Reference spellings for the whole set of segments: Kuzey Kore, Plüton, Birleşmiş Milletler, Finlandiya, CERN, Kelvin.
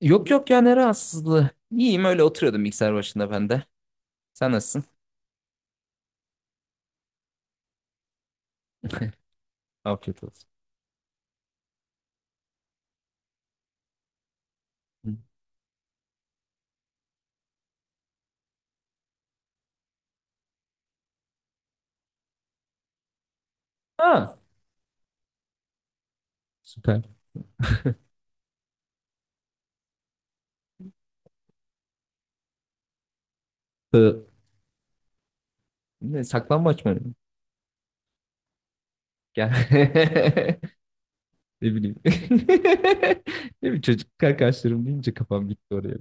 Yok yok ya ne rahatsızlığı. İyiyim öyle oturuyordum bilgisayar başında ben de. Sen nasılsın? Afiyet olsun. Hı. Ha, süper. Ee, ne, saklambaç mı oynadın? Gel. Ne bileyim. Ne bileyim çocuk arkadaşlarım deyince kafam gitti oraya.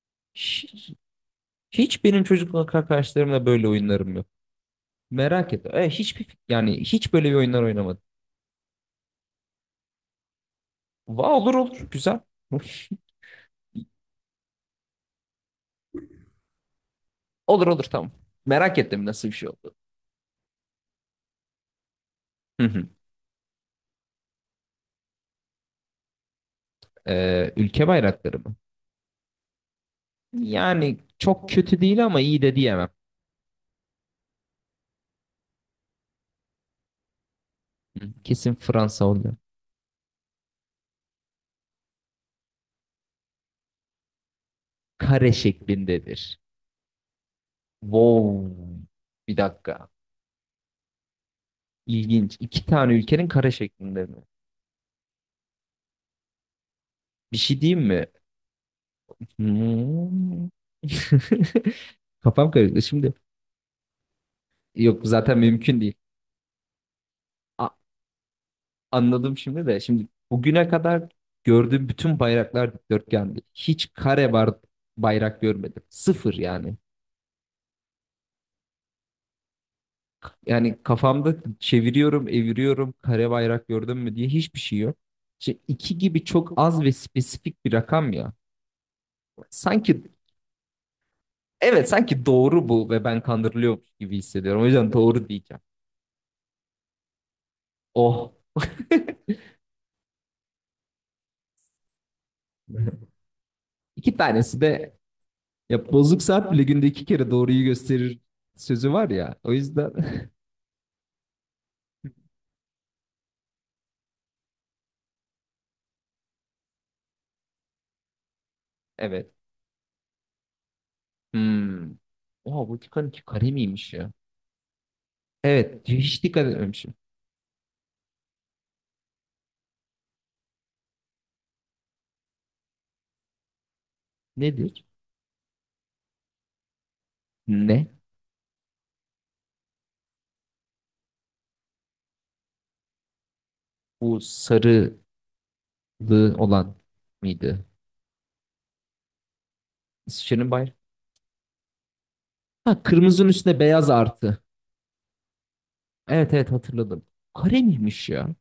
Hiç, hiç benim çocukluk arkadaşlarımla böyle oyunlarım yok. Merak etme. Hiçbir yani hiç böyle bir oyunlar oynamadım. Olur olur güzel. Olur olur tamam. Merak ettim nasıl bir şey oldu. Ülke bayrakları mı? Yani çok kötü değil ama iyi de diyemem. Hı, kesin Fransa oluyor. Kare şeklindedir. Wow. Bir dakika. İlginç. İki tane ülkenin kare şeklinde mi? Bir şey diyeyim mi? Hmm. Kafam karıştı. Şimdi yok zaten mümkün değil. A- anladım şimdi de. Şimdi bugüne kadar gördüğüm bütün bayraklar dikdörtgendi. Hiç kare var bayrak görmedim. Sıfır yani. Yani kafamda çeviriyorum, eviriyorum, kare bayrak gördün mü diye hiçbir şey yok. İşte iki gibi çok az ve spesifik bir rakam ya. Sanki evet sanki doğru bu ve ben kandırılıyormuş gibi hissediyorum. O yüzden doğru diyeceğim. Oh. İki tanesi de ya bozuk saat bile günde iki kere doğruyu gösterir sözü var ya. O yüzden evet. Hmm. Oha Vatikan iki kare miymiş ya? Evet hiç dikkat etmemişim. Nedir? Ne? Bu sarılı olan mıydı? Şirin bayrak. Ha, kırmızının üstüne beyaz artı. Evet evet hatırladım. Kare miymiş ya?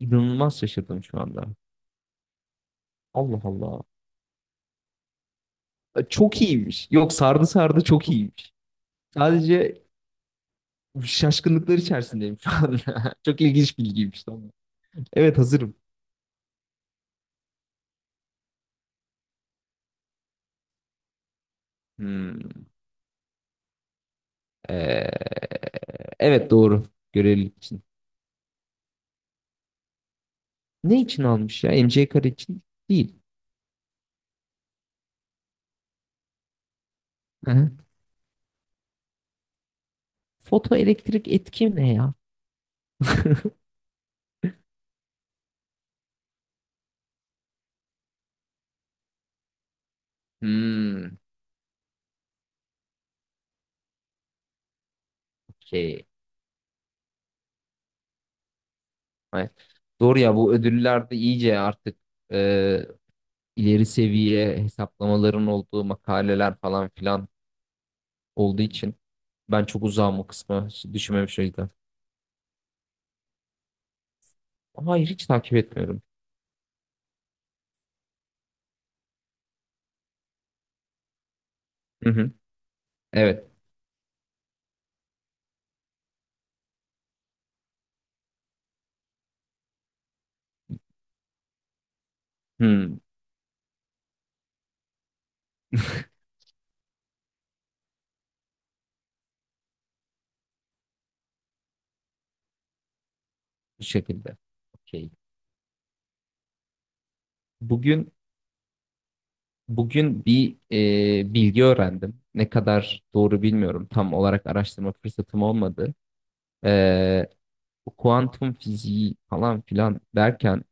İnanılmaz şaşırdım şu anda. Allah Allah. Çok iyiymiş. Yok sardı sardı çok iyiymiş. Sadece şaşkınlıklar içerisindeyim şu anda. Çok ilginç bilgiymiş. Tamam. Evet hazırım. Hmm, ee, evet doğru. Görevlilik için. Ne için almış ya? MC kare için değil. Hı hı. Fotoelektrik etki ne ya? Hmm, okey. Ay, doğru ya bu ödüllerde iyice artık e, ileri seviye hesaplamaların olduğu makaleler falan filan olduğu için ben çok uzağım o kısma hiç düşünmemiş o yüzden. Hayır hiç takip etmiyorum. Hı hı. Evet. Hmm. Bu şekilde. Okey. Bugün bugün bir bilgi öğrendim. Ne kadar doğru bilmiyorum. Tam olarak araştırma fırsatım olmadı. E, bu kuantum fiziği falan filan derken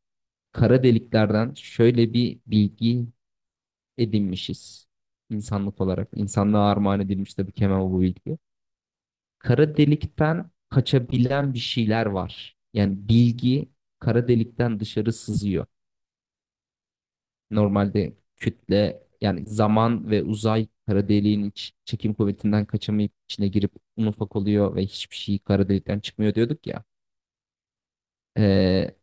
kara deliklerden şöyle bir bilgi edinmişiz insanlık olarak. İnsanlığa armağan edilmiş tabii ki hemen bu bilgi. Kara delikten kaçabilen bir şeyler var. Yani bilgi kara delikten dışarı sızıyor. Normalde kütle yani zaman ve uzay kara deliğin çekim kuvvetinden kaçamayıp içine girip un ufak oluyor ve hiçbir şey kara delikten çıkmıyor diyorduk ya. Ee,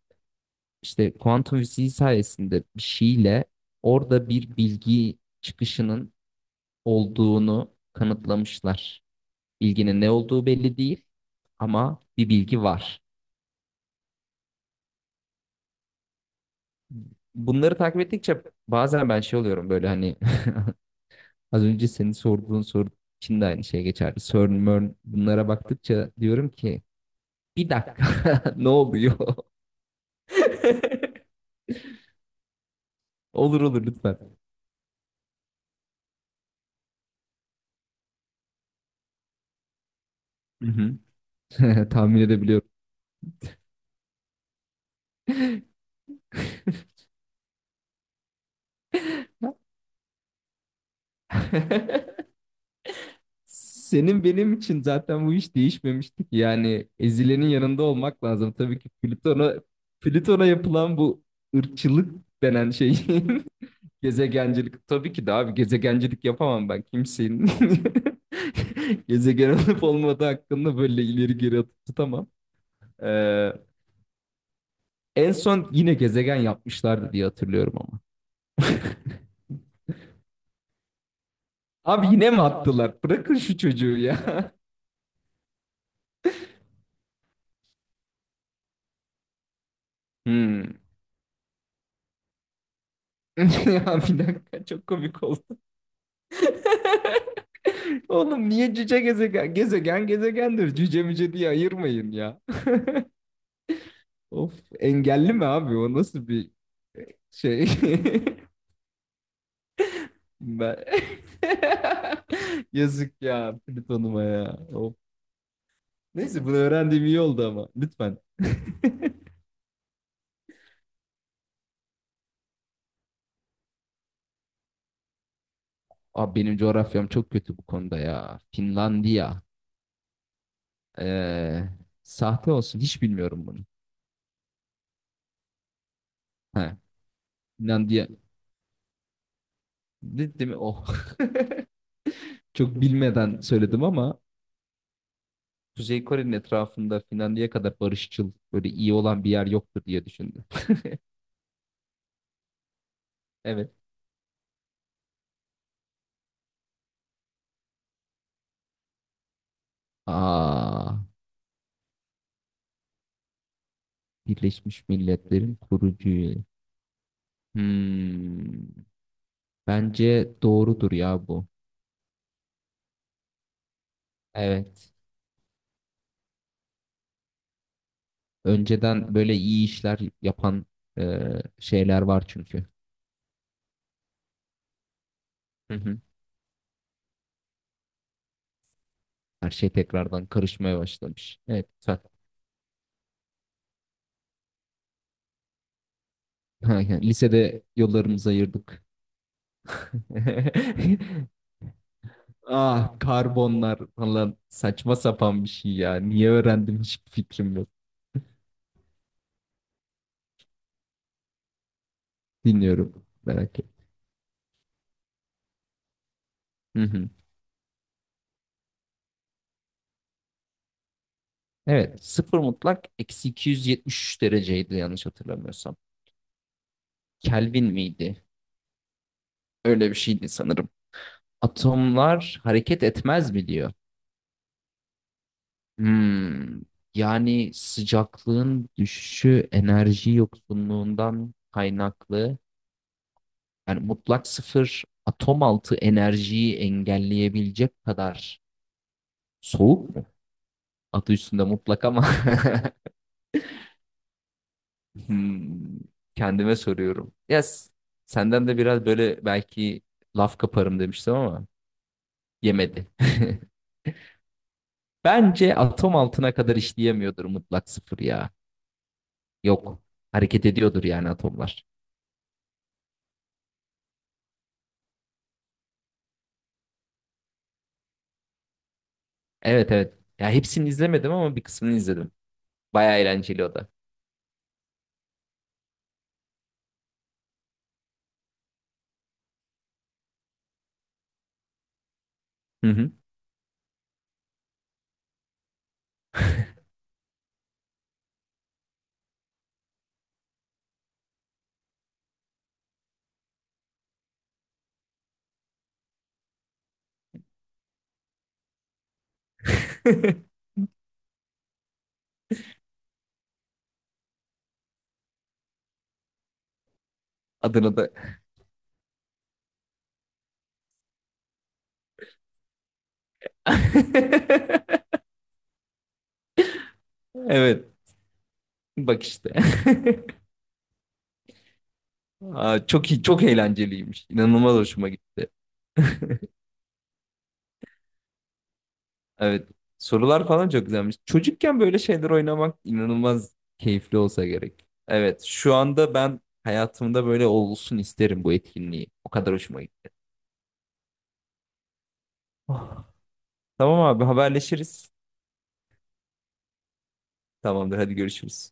işte kuantum fiziği sayesinde bir şeyle orada bir bilgi çıkışının olduğunu kanıtlamışlar. Bilginin ne olduğu belli değil ama bir bilgi var. Bunları takip ettikçe bazen ben şey oluyorum böyle hani az önce senin sorduğun soru için de aynı şey geçerli. CERN, MERN bunlara baktıkça diyorum ki bir dakika ne oluyor? Olur olur lütfen. Hı hı. Tahmin edebiliyorum. Senin benim için zaten bu iş değişmemişti ki. Yani ezilenin yanında olmak lazım. Tabii ki Plüton'a yapılan bu ırkçılık denen şey gezegencilik. Tabii ki de abi gezegencilik yapamam ben kimsenin. Gezegen olup olmadığı hakkında böyle ileri geri atıp tutamam. Ee, en son yine gezegen yapmışlardı diye hatırlıyorum ama. Abi yine mi attılar? Bırakın şu çocuğu ya. Hmm. Ya bir dakika çok komik oldu. Oğlum niye cüce gezegen? Gezegen gezegendir. Cüce müce diye ayırmayın ya. Of, engelli mi abi o nasıl bir şey? Ben... Yazık ya Plüton'uma ya. Of. Neyse bunu öğrendiğim iyi oldu ama lütfen. Abi benim coğrafyam çok kötü bu konuda ya. Finlandiya. Ee, sahte olsun hiç bilmiyorum bunu. He. Finlandiya. Değil mi? Oh. Çok bilmeden söyledim ama Kuzey Kore'nin etrafında Finlandiya kadar barışçıl, böyle iyi olan bir yer yoktur diye düşündü. Evet. Aa, Birleşmiş Milletler'in kurucu üyeliği. Hmm, bence doğrudur ya bu. Evet. Önceden böyle iyi işler yapan e, şeyler var çünkü. Hı hı. Her şey tekrardan karışmaya başlamış. Evet, güzel. Lisede yollarımızı ayırdık. Ah, karbonlar falan saçma sapan bir şey ya. Niye öğrendim hiçbir fikrim yok. Dinliyorum merak et. Hı hı. Evet, sıfır mutlak eksi 273 dereceydi yanlış hatırlamıyorsam. Kelvin miydi? Öyle bir şeydi sanırım. Atomlar hareket etmez mi diyor. Hmm, Yani sıcaklığın düşüşü enerji yoksunluğundan kaynaklı. Yani mutlak sıfır atom altı enerjiyi engelleyebilecek kadar soğuk mu? Adı üstünde mutlak ama hmm, kendime soruyorum. Yes, senden de biraz böyle belki laf kaparım demiştim ama yemedi. Bence atom altına kadar işleyemiyordur mutlak sıfır ya. Yok. Hareket ediyordur yani atomlar. Evet evet. Ya hepsini izlemedim ama bir kısmını izledim. Baya eğlenceli o da. Hı hı. Adını da. Evet. Bak işte. Aa, çok iyi, çok eğlenceliymiş. İnanılmaz hoşuma gitti. Evet. Sorular falan çok güzelmiş. Çocukken böyle şeyler oynamak inanılmaz keyifli olsa gerek. Evet. Şu anda ben hayatımda böyle olsun isterim bu etkinliği. O kadar hoşuma gitti. Ah. Tamam abi haberleşiriz. Tamamdır hadi görüşürüz.